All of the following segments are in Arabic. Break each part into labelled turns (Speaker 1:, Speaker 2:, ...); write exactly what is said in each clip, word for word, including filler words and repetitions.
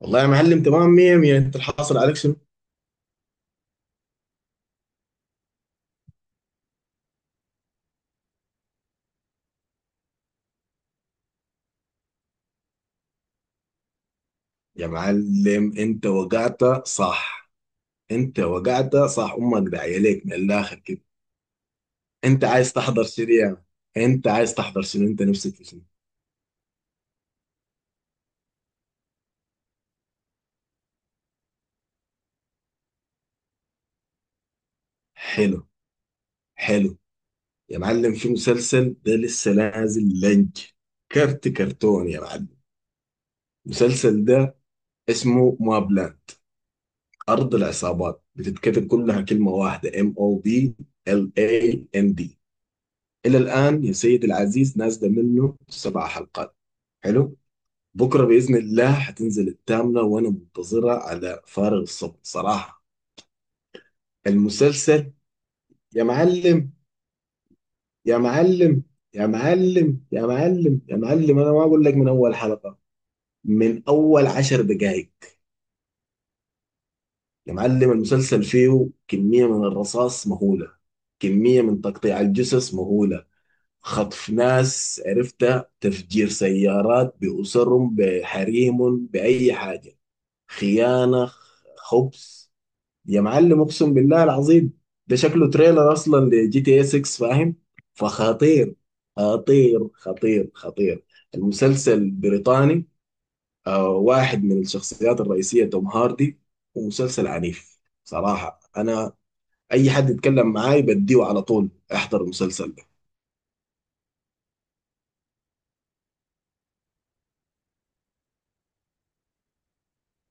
Speaker 1: والله يا معلم، تمام مية مية. انت الحاصل عليك شنو؟ يا معلم انت وقعت صح. انت وقعت صح، امك داعية ليك من الاخر كده. انت عايز تحضر شنو يا مان؟ انت عايز تحضر شنو؟ انت نفسك في شنو؟ حلو. حلو. يا معلم، في مسلسل ده لسه نازل، لنج كرت كرتون يا معلم، المسلسل ده اسمه ما بلان، ارض العصابات، بتتكتب كلها كلمة واحدة، ام او بي ال اي ان دي. الى الان يا سيدي العزيز نازله منه سبع حلقات. حلو. بكره باذن الله هتنزل الثامنه، وانا منتظرها على فارغ الصبر صراحه. المسلسل، يا معلم يا معلم يا معلم يا معلم يا معلم انا ما اقول لك من اول حلقه، من اول عشر دقائق. يا معلم المسلسل فيه كميه من الرصاص مهوله، كميه من تقطيع الجثث مهوله، خطف ناس عرفتها، تفجير سيارات بأسرهم بحريم بأي حاجة، خيانة، خبث. يا معلم اقسم بالله العظيم، ده شكله تريلر اصلا لجي تي اي ستة، فاهم؟ فخطير خطير خطير خطير. المسلسل بريطاني. آه واحد من الشخصيات الرئيسية توم هاردي، ومسلسل عنيف. صراحة انا اي حد يتكلم معاي بديه على طول احضر المسلسل ده.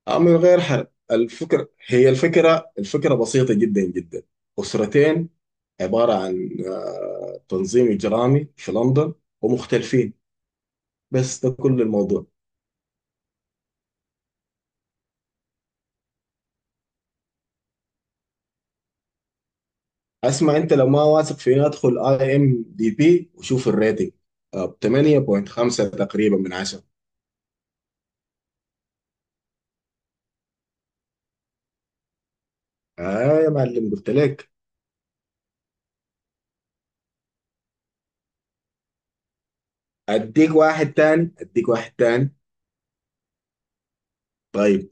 Speaker 1: آه، من غير حرق، الفكرة هي الفكرة، الفكرة بسيطة جدا جدا. أسرتين عبارة عن آه، تنظيم إجرامي في لندن، ومختلفين. بس ده كل الموضوع. اسمع، انت لو ما واثق فيني ادخل اي ام دي بي وشوف الريتنج. طب ثمانية ونص تقريبا من عشرة. اه يا معلم قلت لك. اديك واحد تاني اديك واحد تاني طيب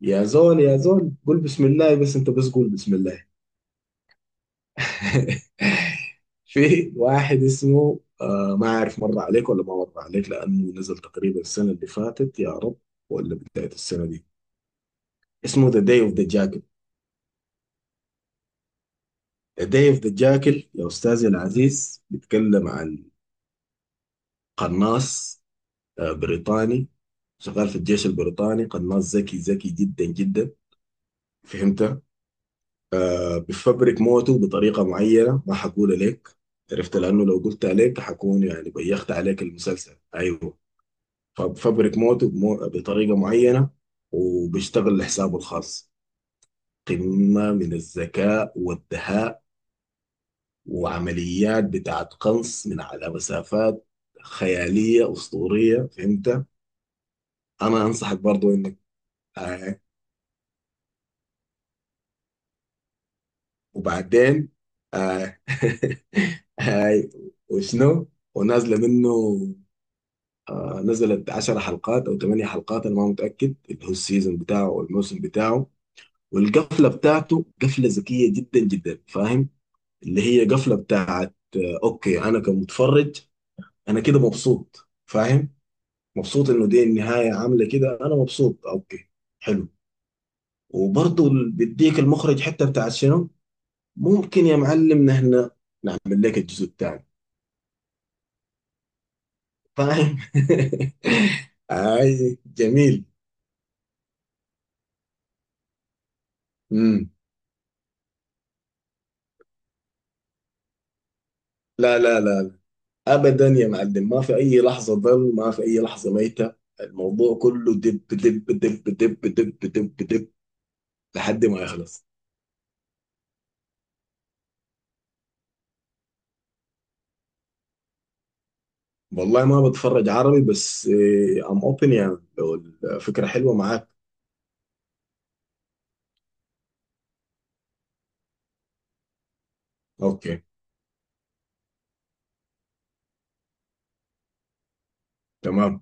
Speaker 1: يا زول يا زول، قول بسم الله، بس انت بس قول بسم الله. في واحد اسمه آه ما عارف مر عليك ولا ما مر عليك، لانه نزل تقريبا السنه اللي فاتت يا رب، ولا بدايه السنه دي، اسمه ذا داي اوف ذا ديف ذا جاكل يا أستاذي العزيز. بيتكلم عن قناص آه، بريطاني، شغال في الجيش البريطاني. قناص ذكي ذكي جدا جدا، فهمت؟ بفبرك موته بطريقة معينة، ما حقول لك، عرفت لأنه لو قلت عليك حكون يعني بيخت عليك المسلسل. أيوه. فبفبرك موته بمو... بطريقة معينة، وبيشتغل لحسابه الخاص. قمة من الذكاء والدهاء. وعمليات بتاعت قنص من على مسافات خيالية أسطورية، فهمت؟ أنا أنصحك برضو إنك آه. وبعدين آه. هاي، وشنو، ونازلة منه آه نزلت عشر حلقات أو ثمانية حلقات، أنا ما متأكد، اللي هو السيزون بتاعه والموسم بتاعه. والقفلة بتاعته قفلة ذكية جدا جدا، فاهم؟ اللي هي قفلة بتاعت آه أوكي أنا كمتفرج. أنا كده مبسوط، فاهم؟ مبسوط انه دي النهايه عامله كده، انا مبسوط، اوكي. حلو. وبرضه بيديك المخرج حتى بتاعت شنو. ممكن يا معلم نحن نعمل لك الجزء الثاني، فاهم؟ اي جميل. امم لا لا لا لا. ابدا يا معلم، ما في اي لحظه ضل، ما في اي لحظه ميته. الموضوع كله دب دب دب دب دب دب دب لحد ما يخلص. والله ما بتفرج عربي، بس ام اوبن، يعني لو الفكره حلوه معاك. اوكي، تمام،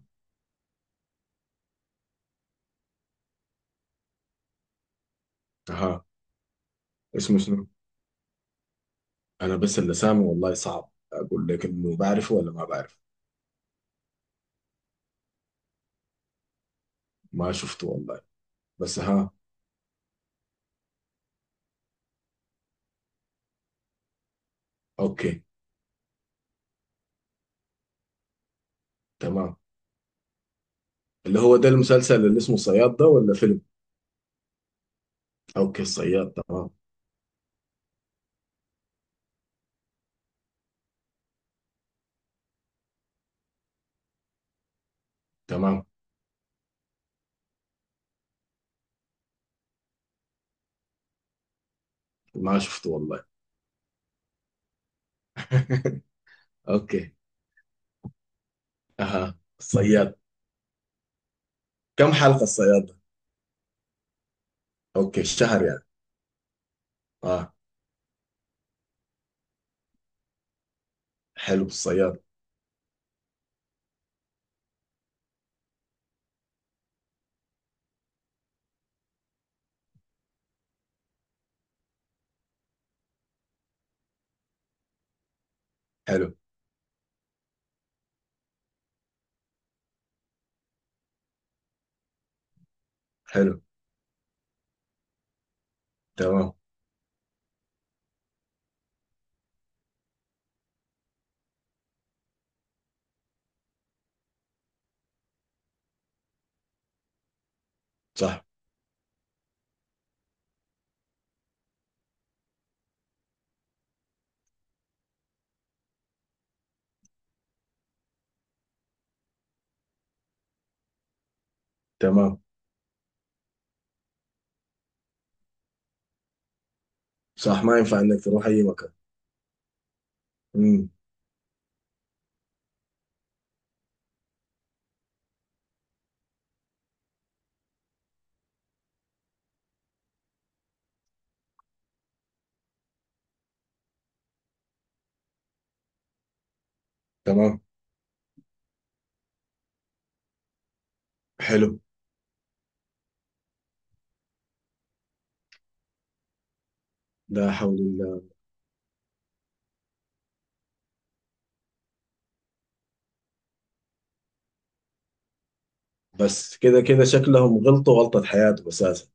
Speaker 1: اها. اسمه شنو؟ انا بس اللي سامع، والله صعب اقول لك انه بعرفه ولا ما بعرفه. ما شفته والله. بس، ها. اوكي تمام. اللي هو ده المسلسل اللي اسمه صياد ده، ولا فيلم؟ اوكي الصياد تمام تمام ما شفته والله. اوكي، اها الصياد، كم حلقة الصياد ده؟ اوكي الشهر يعني. اه. حلو الصياد. حلو. حلو. تمام. صح. تمام. صح ما ينفع انك تروح اي مكان. امم. تمام. حلو. لا حول. بس كده كده شكلهم غلطوا غلطة حياته أساسا.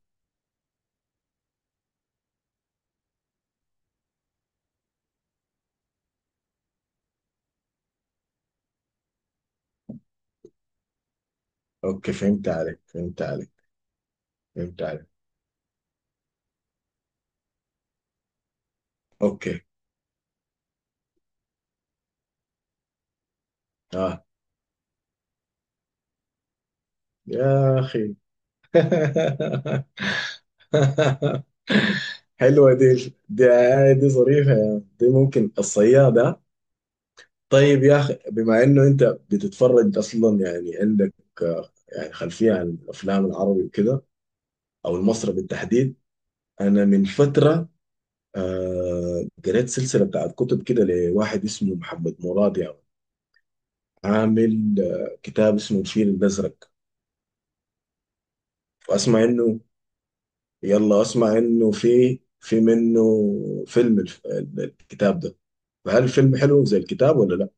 Speaker 1: أوكي فهمت عليك، فهمت عليك، فهمت عليك. أوكي. آه يا أخي. حلوة دي. دي دي ظريفة يا عم. دي ممكن الصيادة. طيب يا أخي، بما إنه أنت بتتفرج أصلا، يعني عندك آه، يعني خلفية عن الأفلام العربي وكده، أو المصري بالتحديد. أنا من فترة آه قريت سلسلة بتاعت كتب كده لواحد اسمه محمد مراد، يعني عامل آه، كتاب اسمه الفيل الأزرق. وأسمع إنه، يلا أسمع إنه في في منه فيلم الف- ال- الكتاب ده، فهل الفيلم حلو زي الكتاب ولا لا؟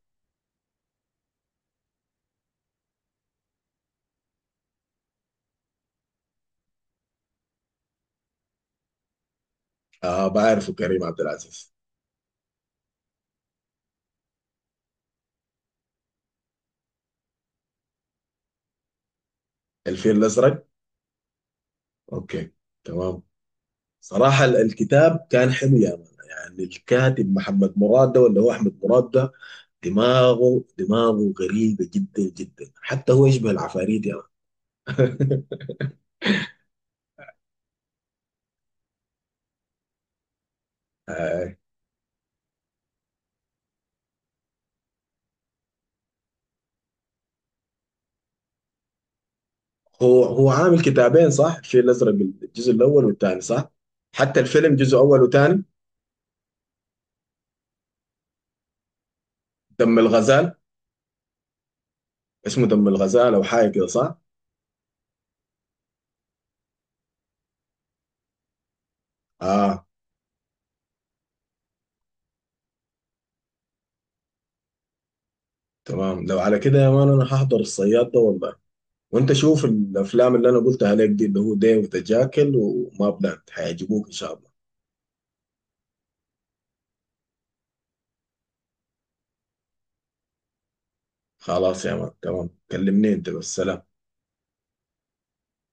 Speaker 1: آه بعرفه كريم عبد العزيز. الفيل الأزرق. أوكي. تمام. صراحة ال- الكتاب كان حلو يا مان، يعني الكاتب محمد مراد ده، ولا هو أحمد مراد ده؟ دماغه دماغه غريبة جدا جدا، حتى هو يشبه العفاريت يا مان. هو هو عامل كتابين صح؟ الفيل الازرق الجزء الاول والثاني صح؟ حتى الفيلم جزء اول وثاني. دم الغزال، اسمه دم الغزال او حاجه كده صح؟ اه تمام، لو على كده يا مان انا هحضر الصياد ده والله. وانت شوف الافلام اللي انا قلتها عليك دي، اللي هو ديف وتجاكل وما بلاند، هيعجبوك ان شاء الله. خلاص يا مان تمام، كلمني انت بس، سلام.